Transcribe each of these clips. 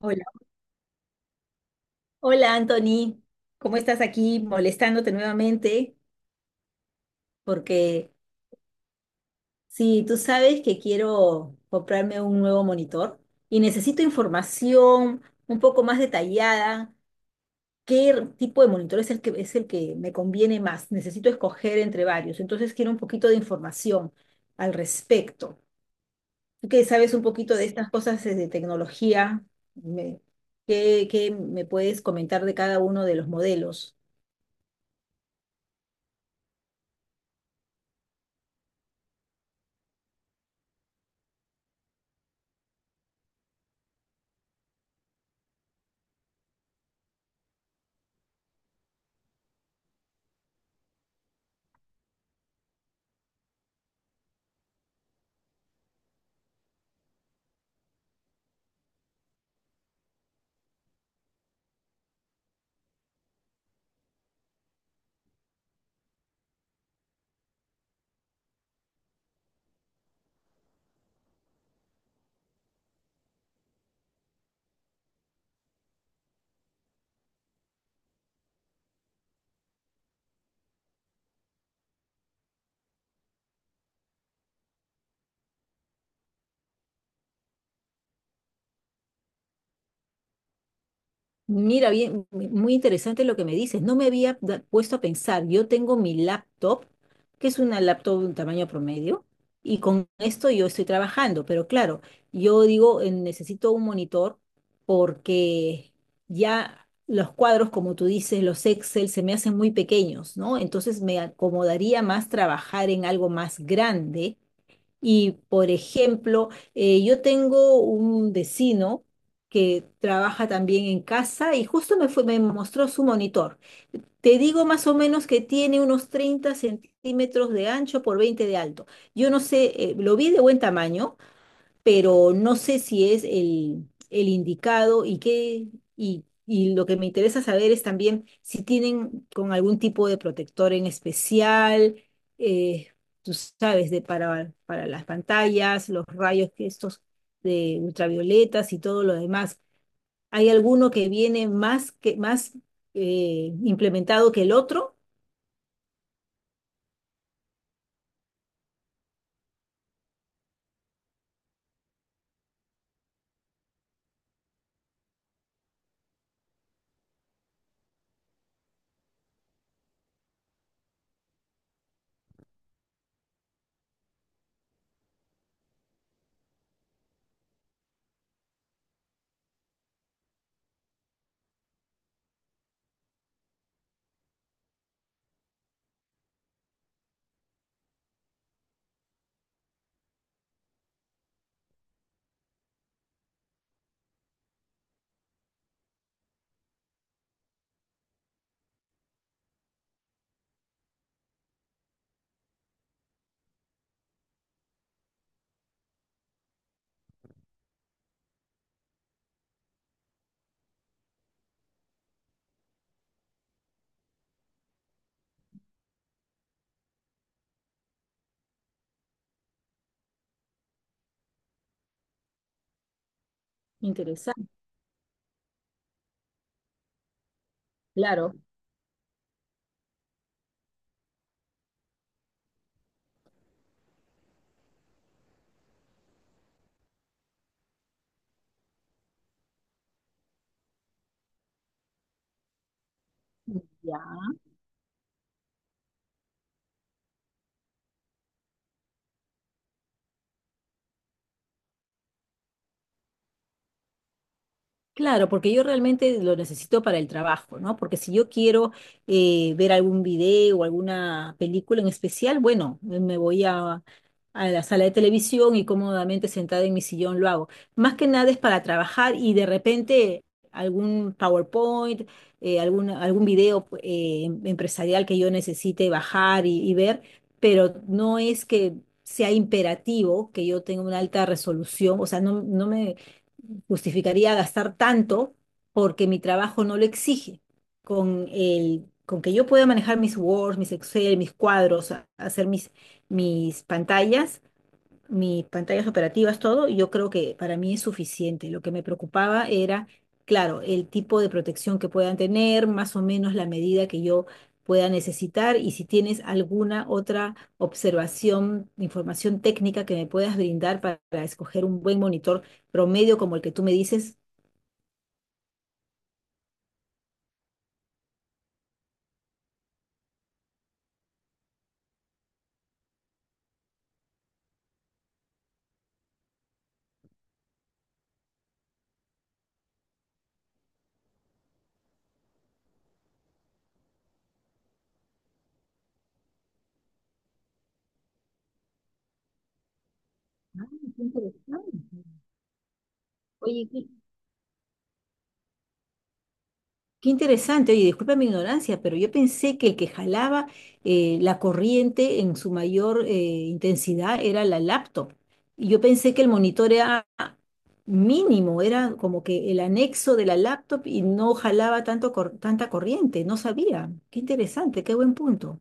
Hola, hola Anthony, ¿cómo estás aquí molestándote nuevamente? Porque sí, tú sabes que quiero comprarme un nuevo monitor y necesito información un poco más detallada, qué tipo de monitor es el que me conviene más. Necesito escoger entre varios, entonces quiero un poquito de información al respecto. Tú que sabes un poquito de estas cosas de tecnología, me- ¿qué me puedes comentar de cada uno de los modelos? Mira, bien, muy interesante lo que me dices. No me había puesto a pensar. Yo tengo mi laptop, que es una laptop de un tamaño promedio, y con esto yo estoy trabajando. Pero claro, yo digo, necesito un monitor porque ya los cuadros, como tú dices, los Excel se me hacen muy pequeños, ¿no? Entonces me acomodaría más trabajar en algo más grande y, por ejemplo, yo tengo un vecino que trabaja también en casa y justo me mostró su monitor. Te digo más o menos que tiene unos 30 centímetros de ancho por 20 de alto. Yo no sé, lo vi de buen tamaño, pero no sé si es el indicado y y lo que me interesa saber es también si tienen con algún tipo de protector en especial, eh, tú sabes, para las pantallas, los rayos que estos de ultravioletas y todo lo demás. ¿Hay alguno que viene más implementado que el otro? Interesante, claro. Ya. Claro, porque yo realmente lo necesito para el trabajo, ¿no? Porque si yo quiero ver algún video o alguna película en especial, bueno, a la sala de televisión y cómodamente sentada en mi sillón lo hago. Más que nada es para trabajar y de repente algún PowerPoint, algún video empresarial que yo necesite bajar y ver, pero no es que sea imperativo que yo tenga una alta resolución, o sea, no, no me justificaría gastar tanto porque mi trabajo no lo exige. Con que yo pueda manejar mis Word, mis Excel, mis cuadros, hacer mis pantallas, mis pantallas operativas, todo, yo creo que para mí es suficiente. Lo que me preocupaba era, claro, el tipo de protección que puedan tener, más o menos la medida que yo pueda necesitar y si tienes alguna otra observación, información técnica que me puedas brindar para escoger un buen monitor promedio como el que tú me dices. Ah, qué interesante. Oye, qué interesante, oye, disculpa mi ignorancia, pero yo pensé que el que jalaba la corriente en su mayor intensidad era la laptop. Y yo pensé que el monitor era mínimo, era como que el anexo de la laptop y no jalaba tanta corriente, no sabía. Qué interesante, qué buen punto.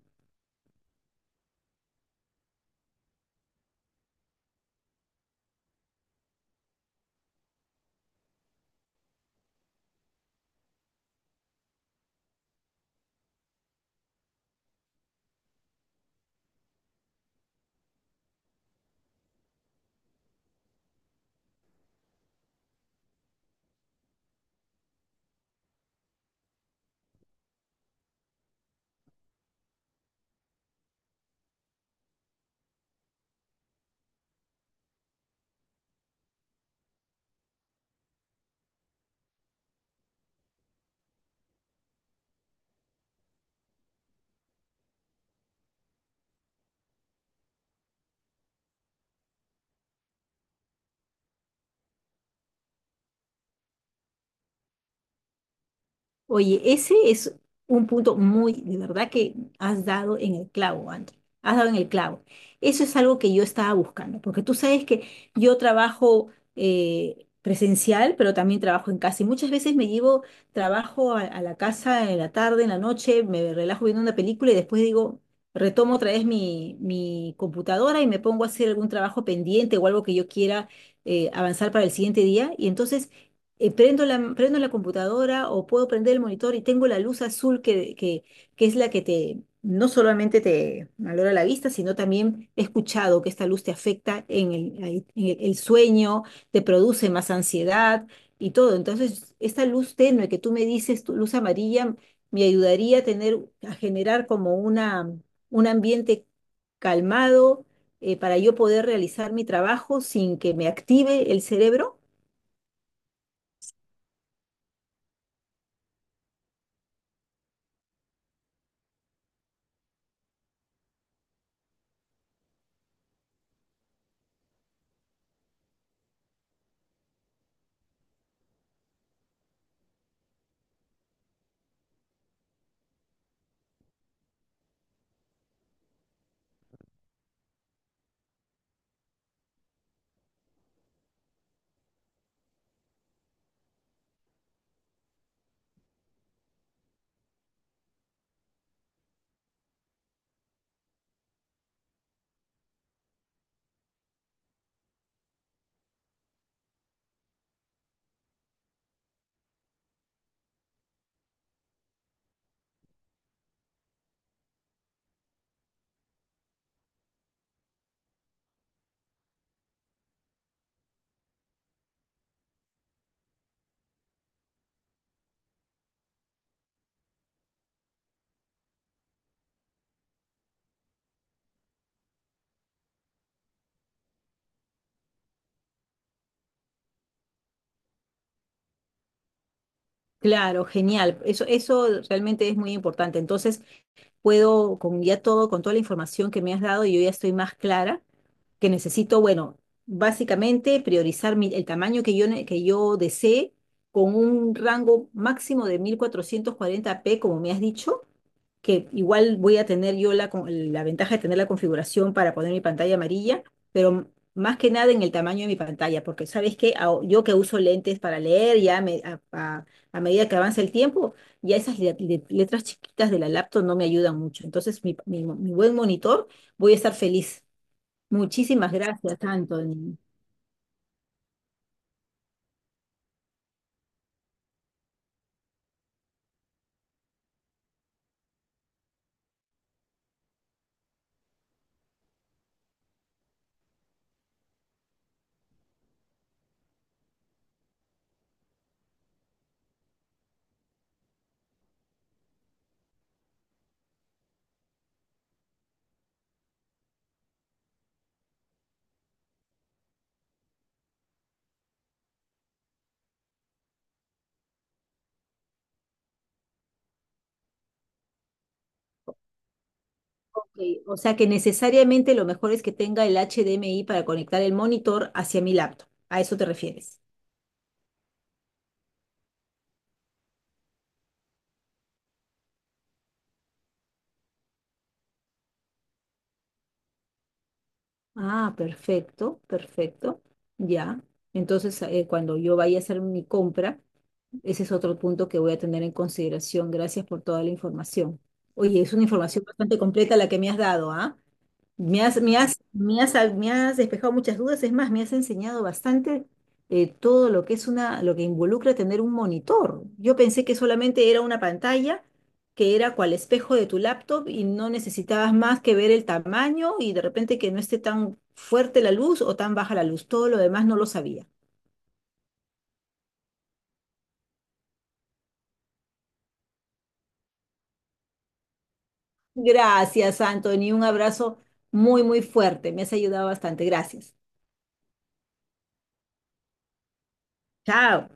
Oye, ese es un punto muy, de verdad que has dado en el clavo, André. Has dado en el clavo. Eso es algo que yo estaba buscando, porque tú sabes que yo trabajo presencial, pero también trabajo en casa. Y muchas veces me llevo trabajo a la casa en la tarde, en la noche, me relajo viendo una película y después digo, retomo otra vez mi computadora y me pongo a hacer algún trabajo pendiente o algo que yo quiera avanzar para el siguiente día. Y entonces prendo la computadora o puedo prender el monitor y tengo la luz azul que es la que te, no solamente te valora la vista, sino también he escuchado que esta luz te afecta en el, ahí- en el sueño, te produce más ansiedad y todo. Entonces, esta luz tenue que tú me dices, tu luz amarilla, me ayudaría a tener, a generar como una, un ambiente calmado. Eh, para yo poder realizar mi trabajo sin que me active el cerebro. Claro, genial. Eso realmente es muy importante. Entonces, puedo con ya todo, con toda la información que me has dado, yo ya estoy más clara que necesito, bueno, básicamente priorizar el tamaño que que yo desee con un rango máximo de 1440p, como me has dicho, que igual voy a tener yo la ventaja de tener la configuración para poner mi pantalla amarilla, pero más que nada en el tamaño de mi pantalla, porque sabes que yo que uso lentes para leer, a medida que avanza el tiempo, ya esas letras chiquitas de la laptop no me ayudan mucho. Entonces, mi buen monitor, voy a estar feliz. Muchísimas gracias, Anthony. Ok, o sea que necesariamente lo mejor es que tenga el HDMI para conectar el monitor hacia mi laptop. ¿A eso te refieres? Ah, perfecto, perfecto. Ya. Entonces, cuando yo vaya a hacer mi compra, ese es otro punto que voy a tener en consideración. Gracias por toda la información. Oye, es una información bastante completa la que me has dado, ¿ah? Me has despejado muchas dudas, es más, me has enseñado bastante todo lo que es una, lo que involucra tener un monitor. Yo pensé que solamente era una pantalla, que era cual espejo de tu laptop y no necesitabas más que ver el tamaño y de repente que no esté tan fuerte la luz o tan baja la luz. Todo lo demás no lo sabía. Gracias, Anthony, un abrazo muy, muy fuerte. Me has ayudado bastante. Gracias. Chao.